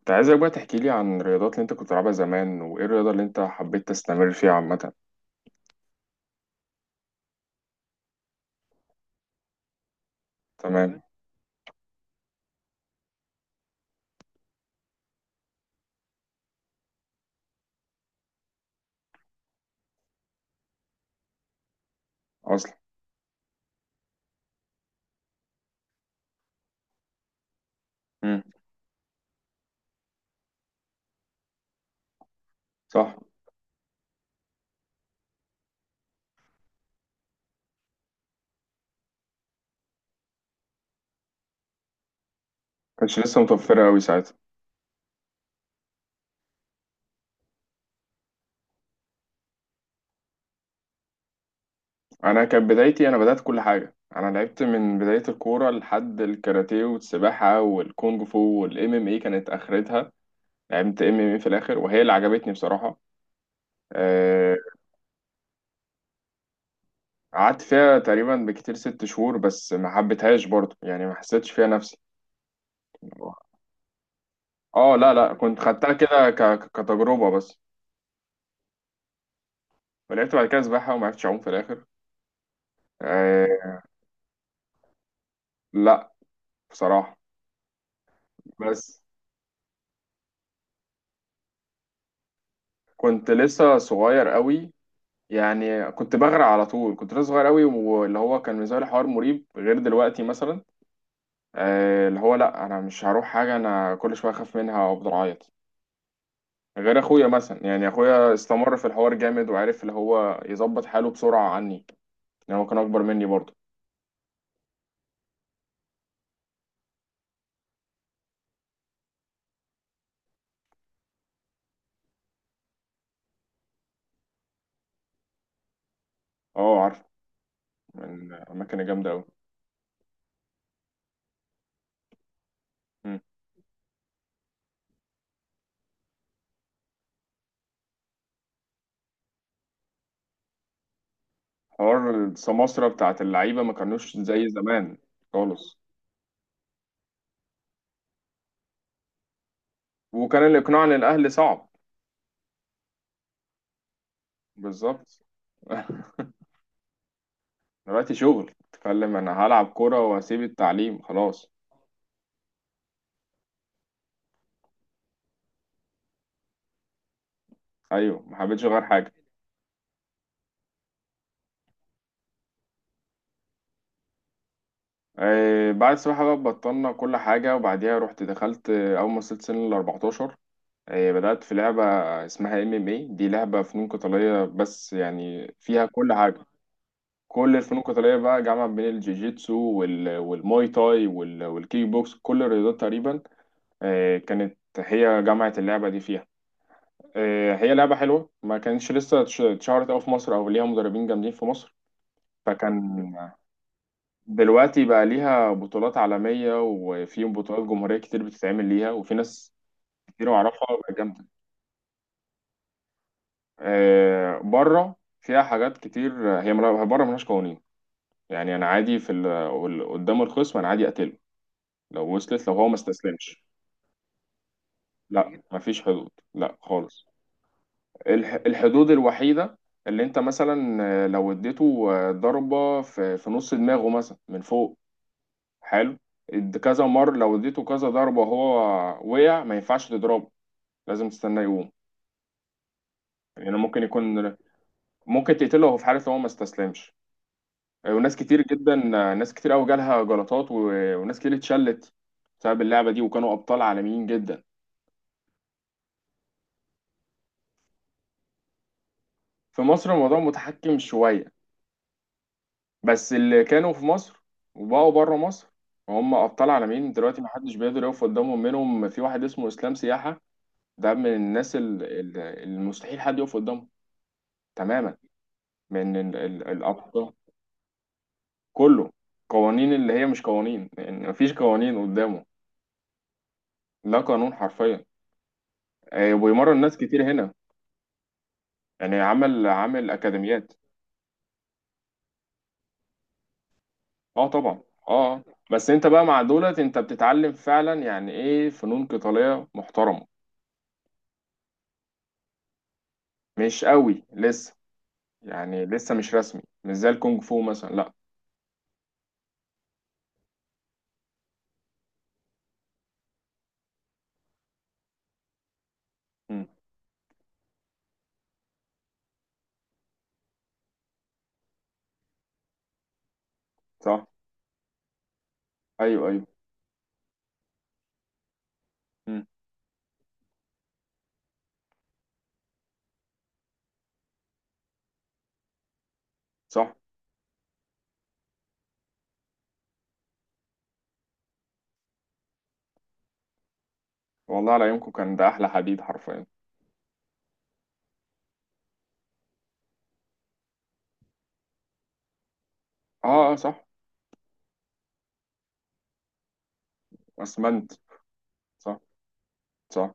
انت عايزك بقى تحكي لي عن الرياضات اللي انت كنت بتلعبها زمان وايه الرياضة اللي انت حبيت تستمر فيها عامة؟ تمام. اصلا. امم. صح. كانتش لسه متوفرة قوي ساعتها. انا كانت بدايتي، انا بدأت كل حاجة، انا لعبت من بداية الكورة لحد الكاراتيه والسباحة والكونغ فو والام ام اي كانت اخرتها. لعبت ام ام اي في الاخر وهي اللي عجبتني بصراحة. آه، قعدت فيها تقريبا بكتير ست شهور، بس ما حبيتهاش برضه، يعني ما حسيتش فيها نفسي. اه، لا لا، كنت خدتها كده كتجربة بس. ولعبت بعد كده سباحة وما عرفتش أعوم في الآخر. آه لا، بصراحة. بس كنت لسه صغير قوي، يعني كنت بغرق على طول، كنت لسه صغير قوي، واللي هو كان بالنسبة لي حوار مريب غير دلوقتي مثلا. اللي هو لا، أنا مش هروح حاجة، أنا كل شوية أخاف منها وأفضل أعيط. غير أخويا مثلا، يعني أخويا استمر في الحوار جامد وعرف اللي هو يظبط حاله بسرعة عني. يعني هو كان أكبر مني برضه. أه، عارف. من الأماكن الجامدة قوي. مم. حوار السماسرة بتاعت اللعيبة ما كانوش زي زمان. خالص. وكان الإقناع للأهل صعب. بالظبط. دلوقتي شغل تتكلم، أنا هلعب كورة وأسيب التعليم خلاص. أيوه، ما حبيتش أغير حاجة. بعد السباحة بقى بطلنا كل حاجة، وبعديها رحت دخلت، أول ما وصلت سن ال 14 بدأت في لعبة اسمها ام ام اي، دي لعبة فنون قتالية، بس يعني فيها كل حاجة. كل الفنون القتالية بقى، جامعة بين الجيجيتسو والماي تاي والكيك بوكس، كل الرياضات تقريبا. كانت هي جامعة، اللعبة دي فيها. هي لعبة حلوة، ما كانتش لسه اتشهرت أوي في مصر أو ليها مدربين جامدين في مصر. فكان. دلوقتي بقى ليها بطولات عالمية، وفي بطولات جمهورية كتير بتتعمل ليها، وفي ناس كتير أعرفها بقت جامدة. بره فيها حاجات كتير، هي بره ملهاش قوانين. يعني أنا عادي، قدام الخصم أنا عادي أقتله لو وصلت، لو هو ما استسلمش. لا، مفيش حدود، لا خالص. الحدود الوحيدة اللي انت مثلا، لو اديته ضربة في نص دماغه مثلا من فوق. حلو. كذا مرة، لو اديته كذا ضربة وهو وقع، ما ينفعش تضربه، لازم تستناه يقوم. يعني ممكن يكون، ممكن تقتله وهو في حالة هو ما استسلمش. وناس كتير جدا. ناس كتير قوي جالها جلطات، وناس كتير اتشلت بسبب اللعبة دي، وكانوا أبطال عالميين جدا. في مصر الموضوع متحكم شوية. بس اللي كانوا في مصر وبقوا بره مصر، هم ابطال عالمين دلوقتي، محدش بيقدر يقف قدامهم. منهم في واحد اسمه اسلام سياحة، ده من الناس المستحيل حد يقف قدامه. تماما. من الابطال كله. قوانين اللي هي مش قوانين، يعني مفيش قوانين قدامه. لا قانون حرفيا. وبيمرن ناس كتير هنا، يعني عمل عامل اكاديميات. اه طبعا. اه، آه. بس انت بقى مع دولت انت بتتعلم فعلا، يعني ايه فنون قتالية محترمة. مش قوي لسه، يعني لسه مش رسمي، مش زي الكونغ فو مثلا، لا. مم. صح. ايوه، ايوه. مم. صح. والله على يومكم كان ده احلى حديد حرفيا. اه اه صح. اسمنت. صح. صح.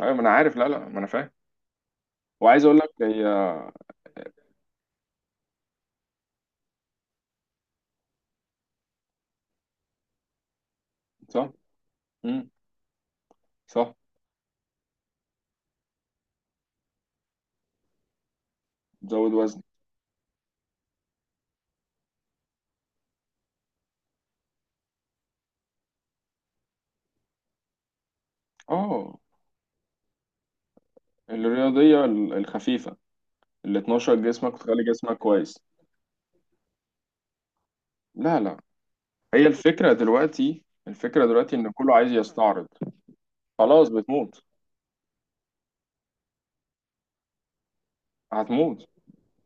ايوه ما انا عارف، لا لا، ما انا فاهم. وعايز اقول لك هي. صح. مم. صح. تزود وزن. اه. الرياضيه الخفيفه، اللي تنشط جسمك وتخلي جسمك كويس. لا لا. هي الفكره دلوقتي، الفكره دلوقتي ان كله عايز يستعرض. خلاص بتموت. هتموت.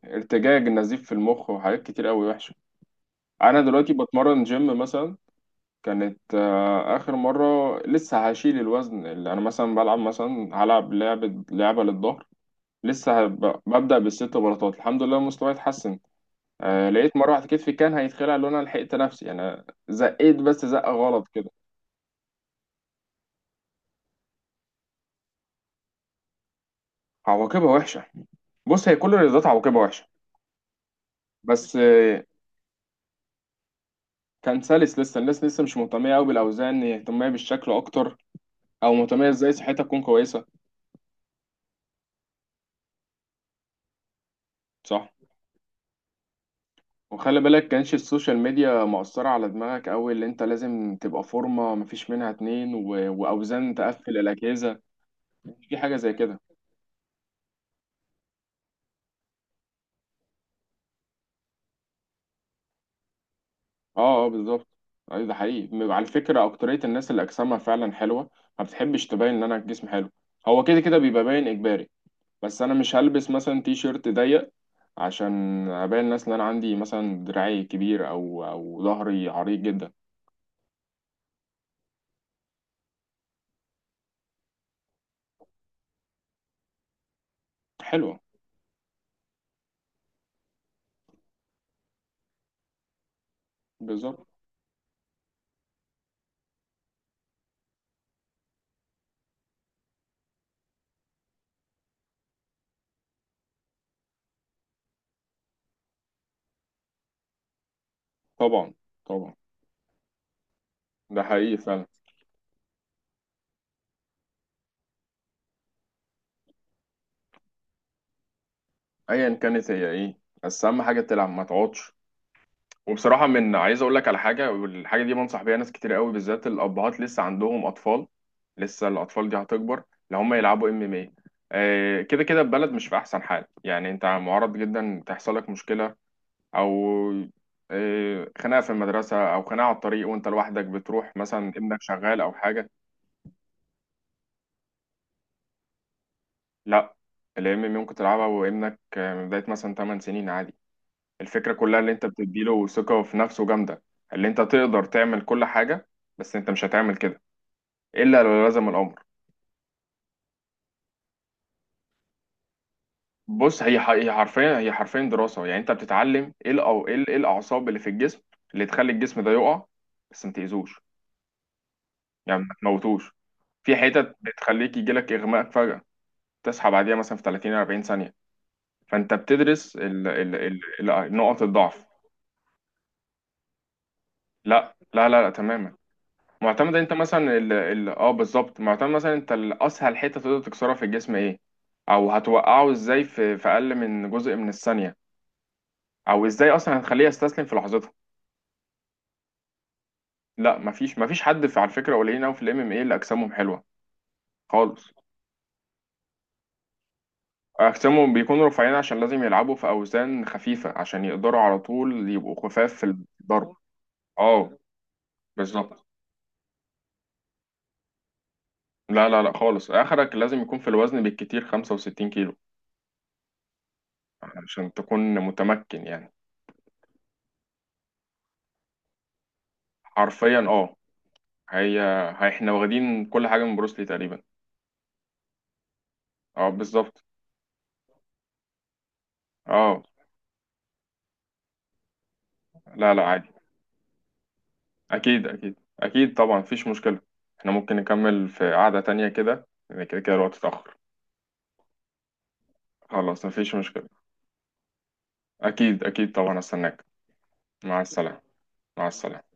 ارتجاج، النزيف في المخ، وحاجات كتير قوي وحشه. انا دلوقتي بتمرن جيم مثلا، كانت اخر مره، لسه هشيل الوزن اللي انا مثلا بلعب، مثلا هلعب لعبه للظهر، لسه ببدا بالست بلاطات، الحمد لله مستواي اتحسن. لقيت مره واحده كتفي كان هيتخلع، لو انا لحقت نفسي، انا زقيت بس زقه غلط كده. عواقبها وحشه. بص هي كل الرياضات عواقبها وحشه. بس، كان سلس، لسه الناس لسه مش مهتميه قوي بالاوزان، هي مهتميه بالشكل اكتر، او مهتميه ازاي صحتها تكون كويسه. صح. وخلي بالك كانش السوشيال ميديا مؤثرة على دماغك أوي، اللي أنت لازم تبقى فورمة، مفيش منها اتنين وأوزان تقفل الأجهزة. في حاجة زي كده. اه اه بالظبط. أيوة ده حقيقي، على فكرة أكترية الناس اللي أجسامها فعلا حلوة، ما بتحبش تبين إن أنا الجسم حلو. هو كده كده بيبقى باين إجباري. بس أنا مش هلبس مثلا تي شيرت ضيق عشان أبين الناس إن أنا عندي مثلا دراعي كبير أو ظهري عريض جدا. حلوة. بالظبط. طبعا، طبعا. ده حقيقي فعلا. ايا كانت هي ايه، بس اهم حاجه تلعب ما تقعدش. وبصراحه من عايز اقول لك على حاجه، والحاجه دي بنصح بيها ناس كتير قوي، بالذات الابهات لسه عندهم اطفال، لسه الاطفال دي هتكبر. لو هم يلعبوا ام ام اي، كده كده البلد مش في احسن حال، يعني انت معرض جدا تحصل لك مشكله، او خناقه في المدرسه او خناقه على الطريق وانت لوحدك، بتروح مثلا ابنك شغال او حاجه. لا، الام ام ممكن تلعبها وابنك من بدايه مثلا 8 سنين عادي. الفكرة كلها اللي انت بتديله ثقة في نفسه جامدة، اللي انت تقدر تعمل كل حاجة، بس انت مش هتعمل كده الا لو لزم الامر. بص هي هي حرفيا دراسة، يعني انت بتتعلم ايه الاعصاب اللي في الجسم اللي تخلي الجسم ده يقع، بس ما تاذوش، يعني ما تموتوش. في حتت بتخليك يجيلك اغماء فجأة، تصحى بعديها مثلا في 30 40 ثانية. فانت بتدرس نقط الضعف. لا لا لا، لا تماما. معتمد، انت مثلا ال ال اه بالظبط، معتمد مثلا انت، الاسهل حته تقدر تكسرها في الجسم ايه، او هتوقعه ازاي في اقل من جزء من الثانيه، او ازاي اصلا هتخليه يستسلم في لحظتها. لا، مفيش حد، في على فكره قليلين قوي في الام ام اي اللي اجسامهم حلوه. خالص. اجسامهم بيكونوا رفيعين عشان لازم يلعبوا في اوزان خفيفه عشان يقدروا على طول يبقوا خفاف في الضرب. اه بالظبط. لا لا لا خالص، اخرك لازم يكون في الوزن بالكتير 65 كيلو عشان تكون متمكن، يعني حرفيا اه. احنا واخدين كل حاجة من بروسلي تقريبا. اه بالظبط. اه، لا لا، عادي. اكيد اكيد اكيد طبعا مفيش مشكلة. احنا ممكن نكمل في قعدة تانية كده، لأن كده كده الوقت اتأخر. خلاص مفيش مشكلة. اكيد اكيد طبعا استناك. مع السلامة. مع السلامة.